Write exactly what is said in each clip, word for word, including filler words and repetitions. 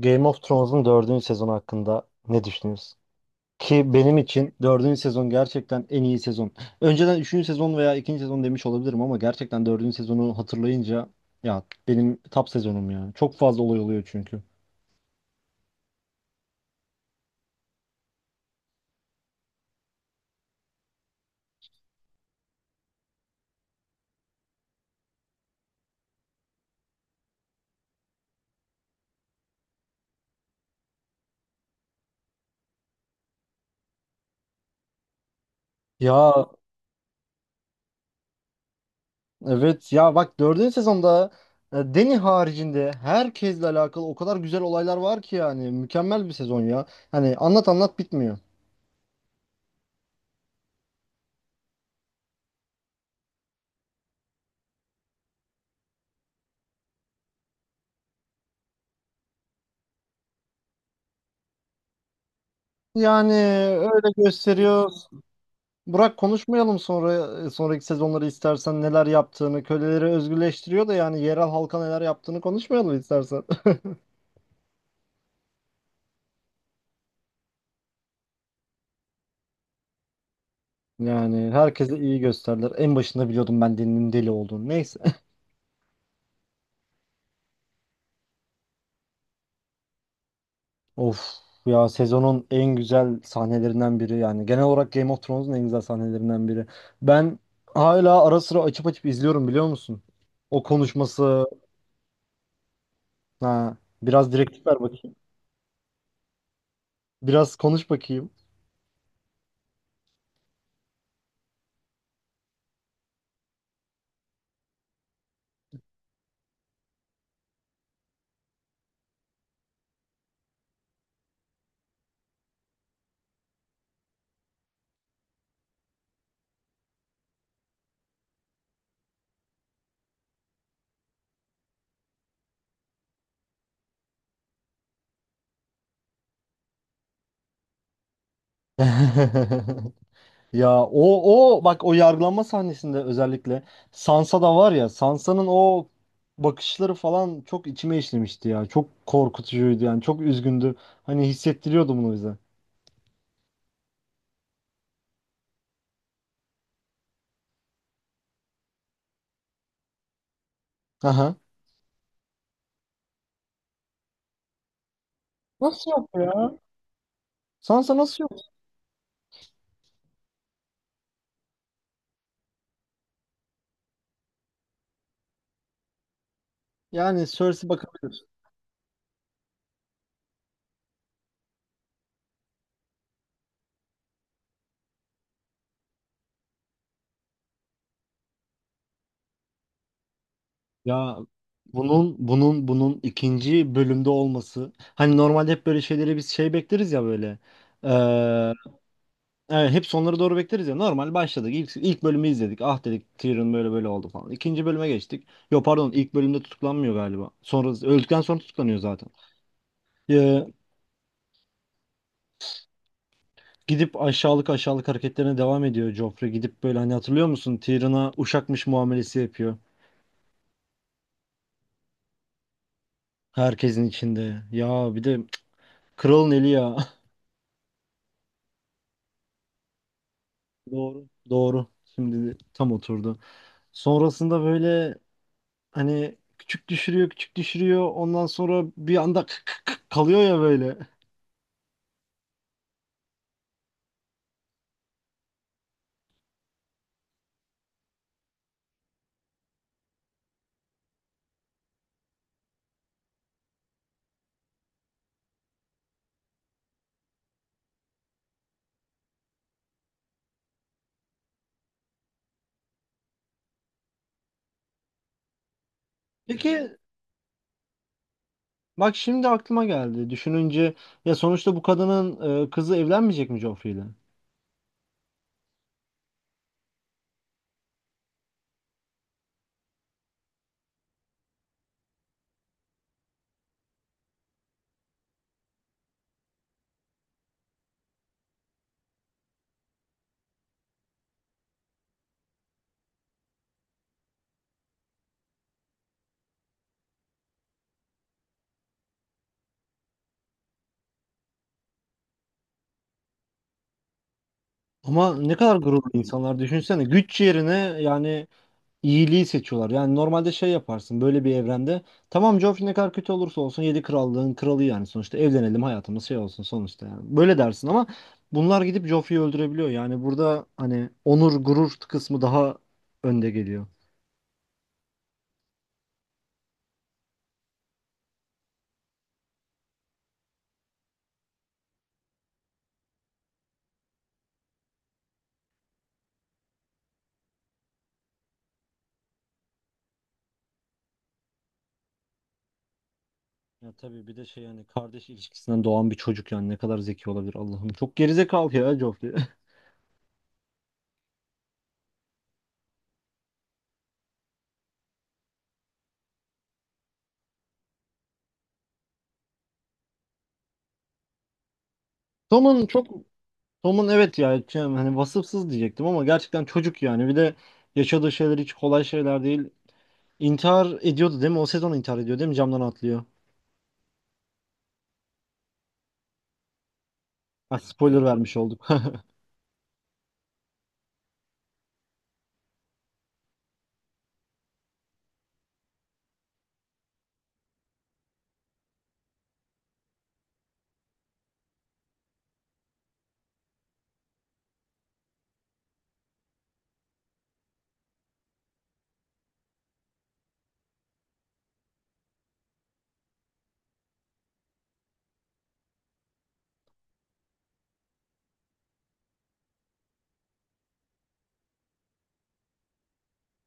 Game of Thrones'un dördüncü sezonu hakkında ne düşünüyorsun? Ki benim için dördüncü sezon gerçekten en iyi sezon. Önceden üçüncü sezon veya ikinci sezon demiş olabilirim ama gerçekten dördüncü sezonu hatırlayınca ya benim top sezonum ya. Çok fazla olay oluyor çünkü. Ya, evet ya, bak dördüncü sezonda e, Dany haricinde herkesle alakalı o kadar güzel olaylar var ki yani mükemmel bir sezon ya. Hani anlat anlat bitmiyor. Yani öyle gösteriyor. Burak konuşmayalım sonra, e, sonraki sezonları istersen neler yaptığını, köleleri özgürleştiriyor da yani yerel halka neler yaptığını konuşmayalım istersen. Yani herkese iyi gösterdiler. En başında biliyordum ben Deni'nin deli olduğunu. Neyse. Of, ya sezonun en güzel sahnelerinden biri yani genel olarak Game of Thrones'un en güzel sahnelerinden biri. Ben hala ara sıra açıp açıp izliyorum, biliyor musun? O konuşması, ha biraz direktif ver bakayım. Biraz konuş bakayım. Ya o, o bak o yargılanma sahnesinde özellikle Sansa da var ya, Sansa'nın o bakışları falan çok içime işlemişti ya. Çok korkutucuydu yani çok üzgündü. Hani hissettiriyordu bunu bize. Aha. Nasıl yok ya? Sansa nasıl yok? Yani Cersei bakabilir. Ya bunun bunun bunun ikinci bölümde olması. Hani normalde hep böyle şeyleri biz şey bekleriz ya böyle. Evet, hep sonları doğru bekleriz ya. Normal başladık. İlk, ilk bölümü izledik. Ah dedik Tyrion böyle böyle oldu falan. İkinci bölüme geçtik. Yo pardon ilk bölümde tutuklanmıyor galiba. Sonra öldükten sonra tutuklanıyor zaten. Ee, gidip aşağılık aşağılık hareketlerine devam ediyor Joffrey. Gidip böyle hani hatırlıyor musun? Tyrion'a uşakmış muamelesi yapıyor. Herkesin içinde. Ya bir de cık, kralın eli ya. Doğru. Doğru. Şimdi de tam oturdu. Sonrasında böyle hani küçük düşürüyor küçük düşürüyor. Ondan sonra bir anda kalıyor ya böyle. Peki bak şimdi aklıma geldi. Düşününce ya sonuçta bu kadının e, kızı evlenmeyecek mi Joffrey ile? Ama ne kadar gururlu insanlar düşünsene. Güç yerine yani iyiliği seçiyorlar. Yani normalde şey yaparsın böyle bir evrende. Tamam Joffrey ne kadar kötü olursa olsun yedi krallığın kralı yani sonuçta evlenelim hayatımız şey olsun sonuçta yani. Böyle dersin ama bunlar gidip Joffrey'i öldürebiliyor. Yani burada hani onur gurur kısmı daha önde geliyor. Ya tabii bir de şey yani kardeş ilişkisinden doğan bir çocuk yani ne kadar zeki olabilir Allah'ım. Çok gerizekalı ya Joffrey. Tom'un çok Tom'un evet ya şey, hani vasıfsız diyecektim ama gerçekten çocuk yani. Bir de yaşadığı şeyler hiç kolay şeyler değil. İntihar ediyordu değil mi? O sezon intihar ediyor değil mi? Camdan atlıyor. Ha, evet spoiler evet. Vermiş olduk.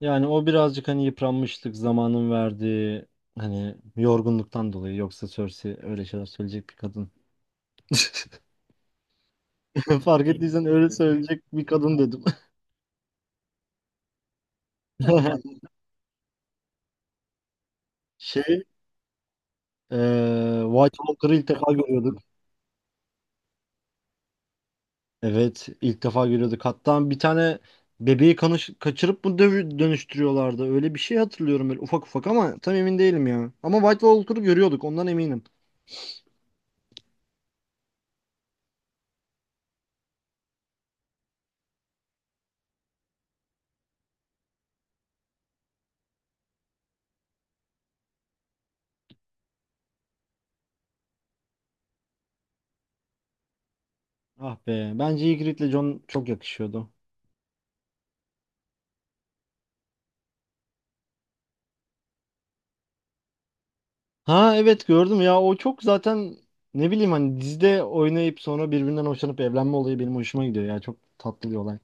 Yani o birazcık hani yıpranmışlık zamanın verdiği hani yorgunluktan dolayı, yoksa Cersei öyle şeyler söyleyecek bir kadın. Fark ettiysen öyle söyleyecek bir kadın dedim. Şey, Ee, White Walker'ı ilk defa görüyorduk. Evet, ilk defa görüyorduk. Hatta bir tane bebeği kanış- kaçırıp mı dövü- dönüştürüyorlardı? Öyle bir şey hatırlıyorum böyle ufak ufak ama tam emin değilim ya. Ama White Walker'ı görüyorduk, ondan eminim. Ah be, bence Ygritte'le Jon çok yakışıyordu. Ha evet gördüm ya, o çok zaten ne bileyim hani dizide oynayıp sonra birbirinden hoşlanıp evlenme olayı benim hoşuma gidiyor ya, çok tatlı bir olay.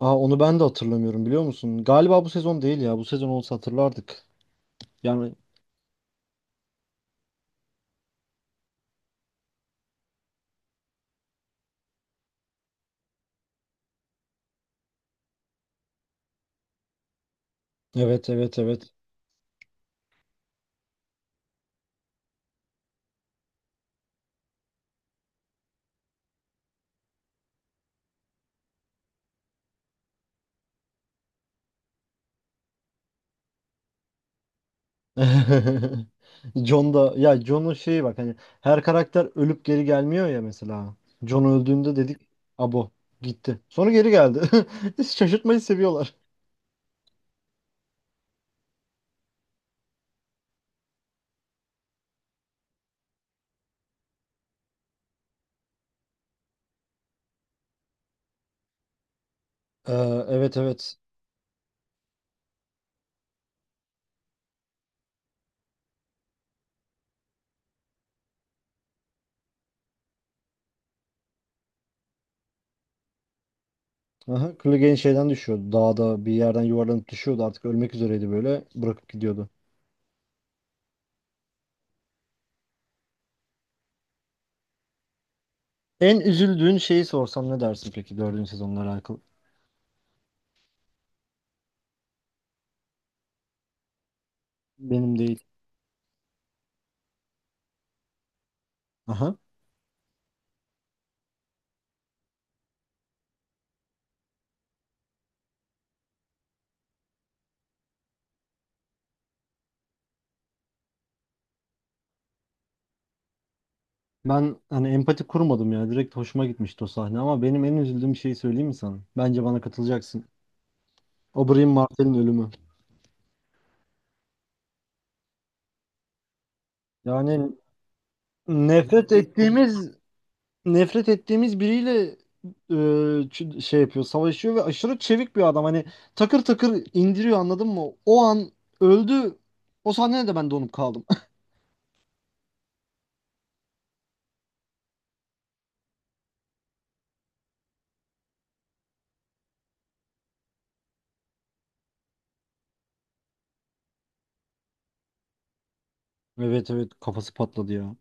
Aa onu ben de hatırlamıyorum biliyor musun? Galiba bu sezon değil ya, bu sezon olsa hatırlardık. Yani evet evet evet. John da ya, John'un şeyi bak hani her karakter ölüp geri gelmiyor ya mesela. John öldüğünde dedik abo gitti. Sonra geri geldi. Şaşırtmayı seviyorlar. Ee, evet evet. Aha, Clegane şeyden düşüyordu. Dağda bir yerden yuvarlanıp düşüyordu. Artık ölmek üzereydi böyle. Bırakıp gidiyordu. En üzüldüğün şeyi sorsam ne dersin peki dördüncü sezonla alakalı? Benim değil. Aha. Ben hani empati kurmadım ya. Direkt hoşuma gitmişti o sahne, ama benim en üzüldüğüm şeyi söyleyeyim mi sana? Bence bana katılacaksın. Oberyn Martel'in ölümü. Yani nefret ettiğimiz nefret ettiğimiz biriyle e, ç- şey yapıyor, savaşıyor ve aşırı çevik bir adam. Hani takır takır indiriyor anladın mı? O an öldü. O sahnede de ben donup kaldım. Evet evet kafası patladı ya.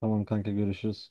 Tamam kanka görüşürüz.